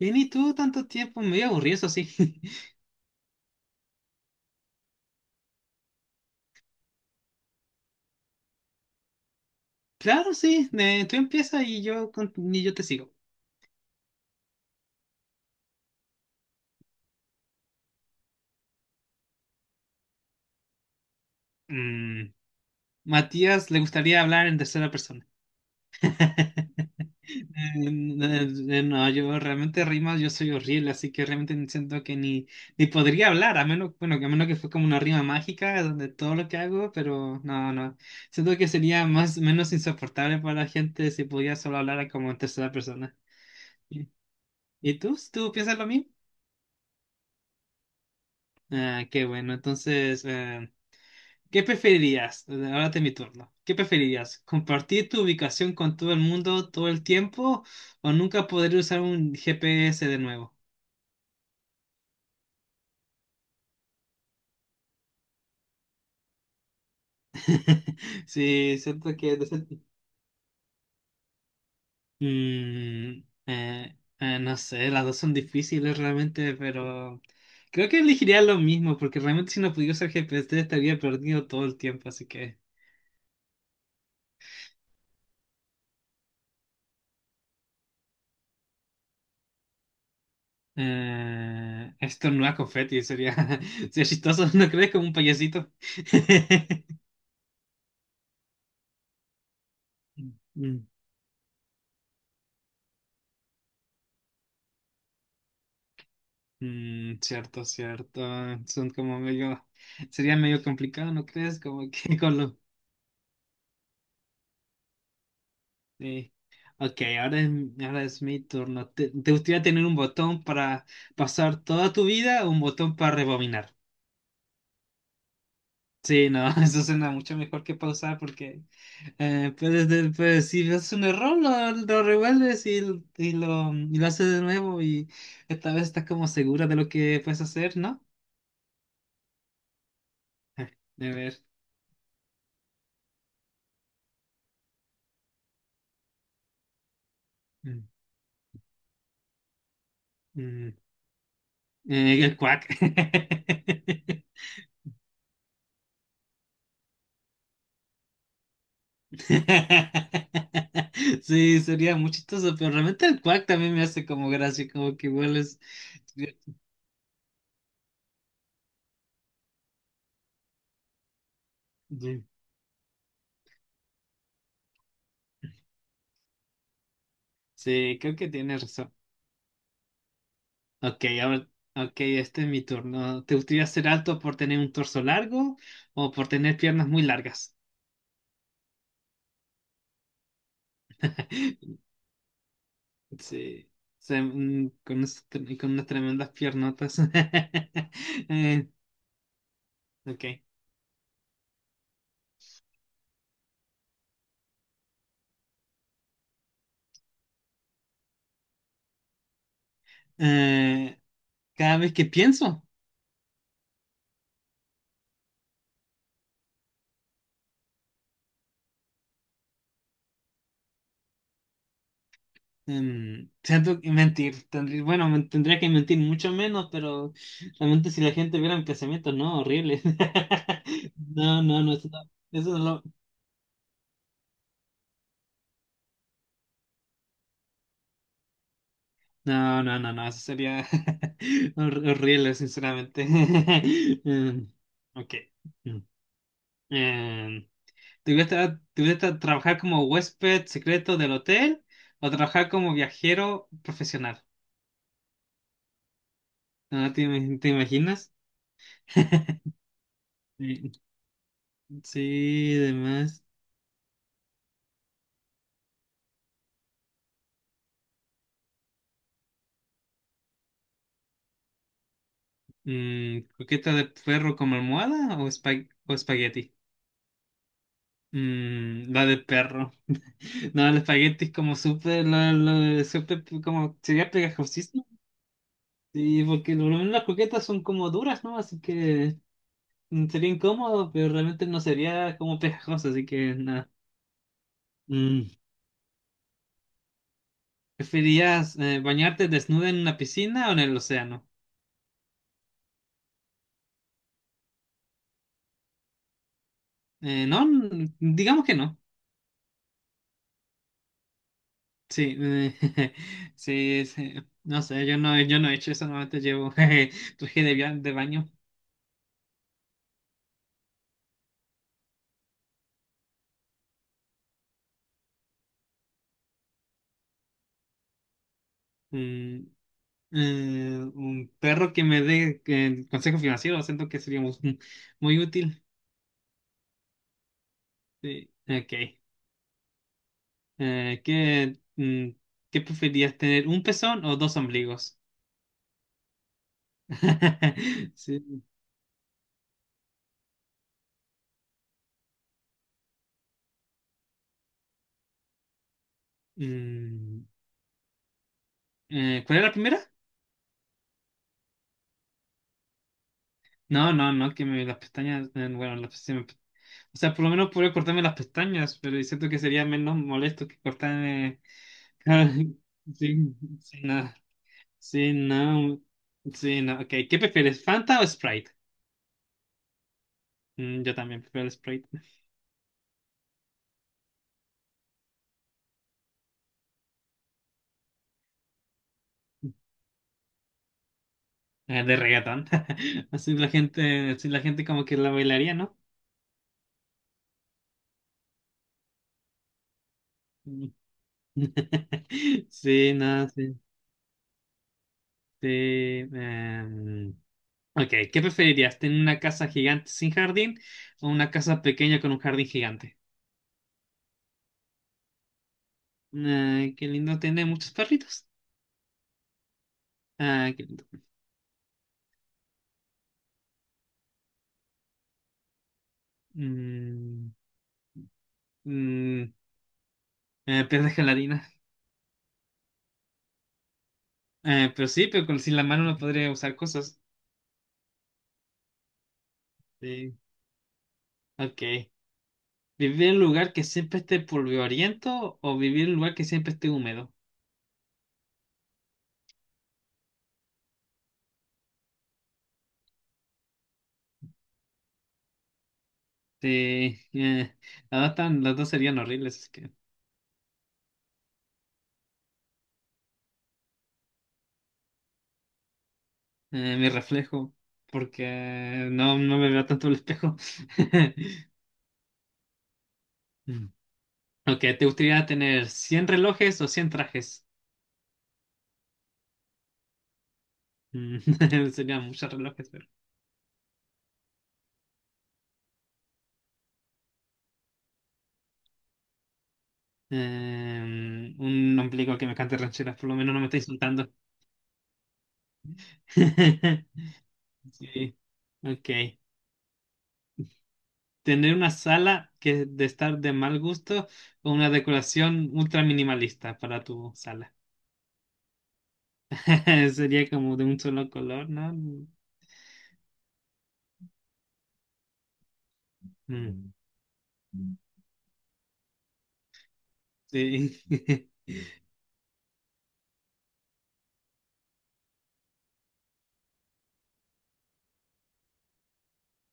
Vení tú tanto tiempo, medio aburrido, eso sí. Claro, sí, tú empieza y y yo te sigo. Mm, Matías le gustaría hablar en tercera persona. No, yo realmente rimas, yo soy horrible, así que realmente siento que ni podría hablar, a menos, bueno, que a menos que fue como una rima mágica donde todo lo que hago, pero no, no. Siento que sería más, menos insoportable para la gente si pudiera solo hablar como en tercera persona. ¿Y y tú? ¿Tú piensas lo mismo? Ah, qué bueno. Entonces, ¿qué preferirías? Ahora es mi turno. ¿Qué preferirías? ¿Compartir tu ubicación con todo el mundo todo el tiempo o nunca poder usar un GPS de nuevo? Sí, siento que... no sé, las dos son difíciles realmente, pero creo que elegiría lo mismo, porque realmente si no pudiera usar GPS estaría perdido todo el tiempo, así que... esto no es confeti, sería, sería chistoso, ¿no crees? Como un payasito. Mm, mm, cierto, cierto. Son como medio, sería medio complicado, ¿no crees? Como que con lo... sí. Ok, ahora es, ahora es mi turno. ¿Te gustaría tener un botón para pasar toda tu vida o un botón para rebobinar? Sí, no, eso suena mucho mejor que pausar porque si ves un error lo revuelves y y lo haces de nuevo y esta vez estás como segura de lo que puedes hacer, ¿no? A ver. Mm, mm, el cuac. Sí, sería muy chistoso, pero realmente el cuac también me hace como gracia, como que vuelves. Sí, creo que tienes razón. Ok, ahora, ok, este es mi turno. ¿Te gustaría ser alto por tener un torso largo o por tener piernas muy largas? Sí, con unas tremendas piernotas. Eh, ok. Eh, cada vez que pienso, siento que mentir. Tendría que mentir mucho menos, pero realmente si la gente viera mi pensamiento, no, horrible. No, no, no, eso no, eso no lo- No, no, no, no, eso sería horrible, sinceramente. Em, ok. Mm. Em, ¿Te gusta trabajar como huésped secreto del hotel o trabajar como viajero profesional? ¿Te imaginas? Sí, sí, además. Mm, ¿coqueta de perro como almohada o espagueti? Mm, la de perro. No, el espagueti es como súper, como sería pegajoso. Sí, porque por lo menos las croquetas son como duras, ¿no? Así que mm, sería incómodo, pero realmente no sería como pegajoso, así que nada. Mm. ¿Preferirías bañarte desnuda en una piscina o en el océano? No, digamos que no. Sí, sí, sí. No sé, yo no he hecho eso, normalmente llevo jeje, traje de baño. Mm, un perro que me dé consejo financiero, siento que sería muy, muy útil. Sí, ok. Eh, ¿qué, mm, ¿qué preferirías tener? ¿Un pezón o dos ombligos? Sí. Mm, ¿cuál era la primera? No, no, no, las pestañas, bueno, las pestañas, o sea, por lo menos podría cortarme las pestañas, pero siento que sería menos molesto que cortarme sin, sin nada. Sí, no, sí, no, ok, ¿qué prefieres, Fanta o Sprite? Mm, yo también prefiero el Sprite. De reggaetón, así la gente como que la bailaría, ¿no? Sí, no, sí, sí. em, ok, ¿qué preferirías? ¿Tener una casa gigante sin jardín o una casa pequeña con un jardín gigante? Ah, qué lindo tener muchos perritos. Ah, qué lindo. Mm, mm, pero de gelatina. Pero sí, pero con, sin la mano no podría usar cosas. Sí, ok. ¿Vivir en un lugar que siempre esté polvoriento o vivir en un lugar que siempre esté húmedo? Sí, las dos serían horribles. Mi reflejo, porque no, no me veo tanto el espejo. Mm. Ok, ¿te gustaría tener 100 relojes o 100 trajes? Mm, serían muchos relojes, pero... un ombligo que me cante rancheras, por lo menos no me está insultando. Sí, ok. Tener una sala que de estar de mal gusto o una decoración ultra minimalista para tu sala. Sería como de un solo color, ¿no? Mm, sí.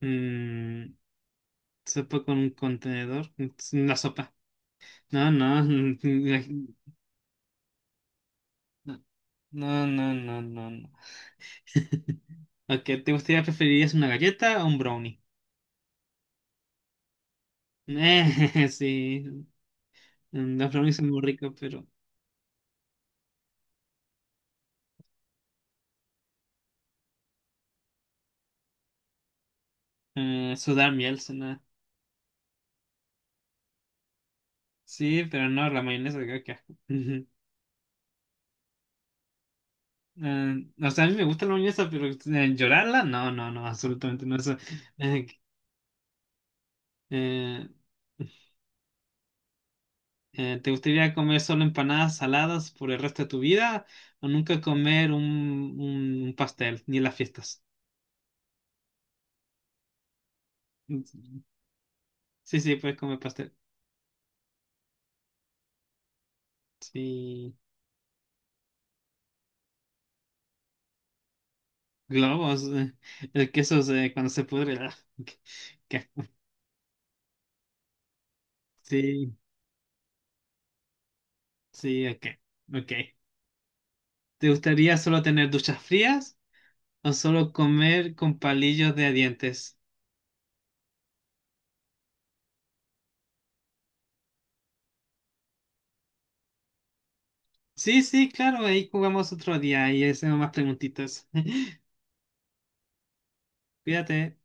Mm, sopa con un contenedor. La sopa. No, no. No, no, no, no, no. No. Ok, ¿te gustaría preferirías una galleta o un brownie? Sí. Los brownies son muy ricos, pero sudar miel suena. Sí, pero no, la mayonesa, qué qué asco. Ujú. A mí me gusta la mayonesa, pero llorarla, no, no, no, absolutamente no. Eso, eh, eh, ¿te gustaría comer solo empanadas saladas por el resto de tu vida o nunca comer un pastel, ni en las fiestas? Mm, sí, sí, puedes comer pastel. Sí, globos, el queso se- cuando se pudre. Ah, ok, ok. Sí, sí, ok, ok. ¿Te gustaría solo tener duchas frías o solo comer con palillos de dientes? Sí, sí, claro, ahí jugamos otro día y hacemos más preguntitas. Cuídate.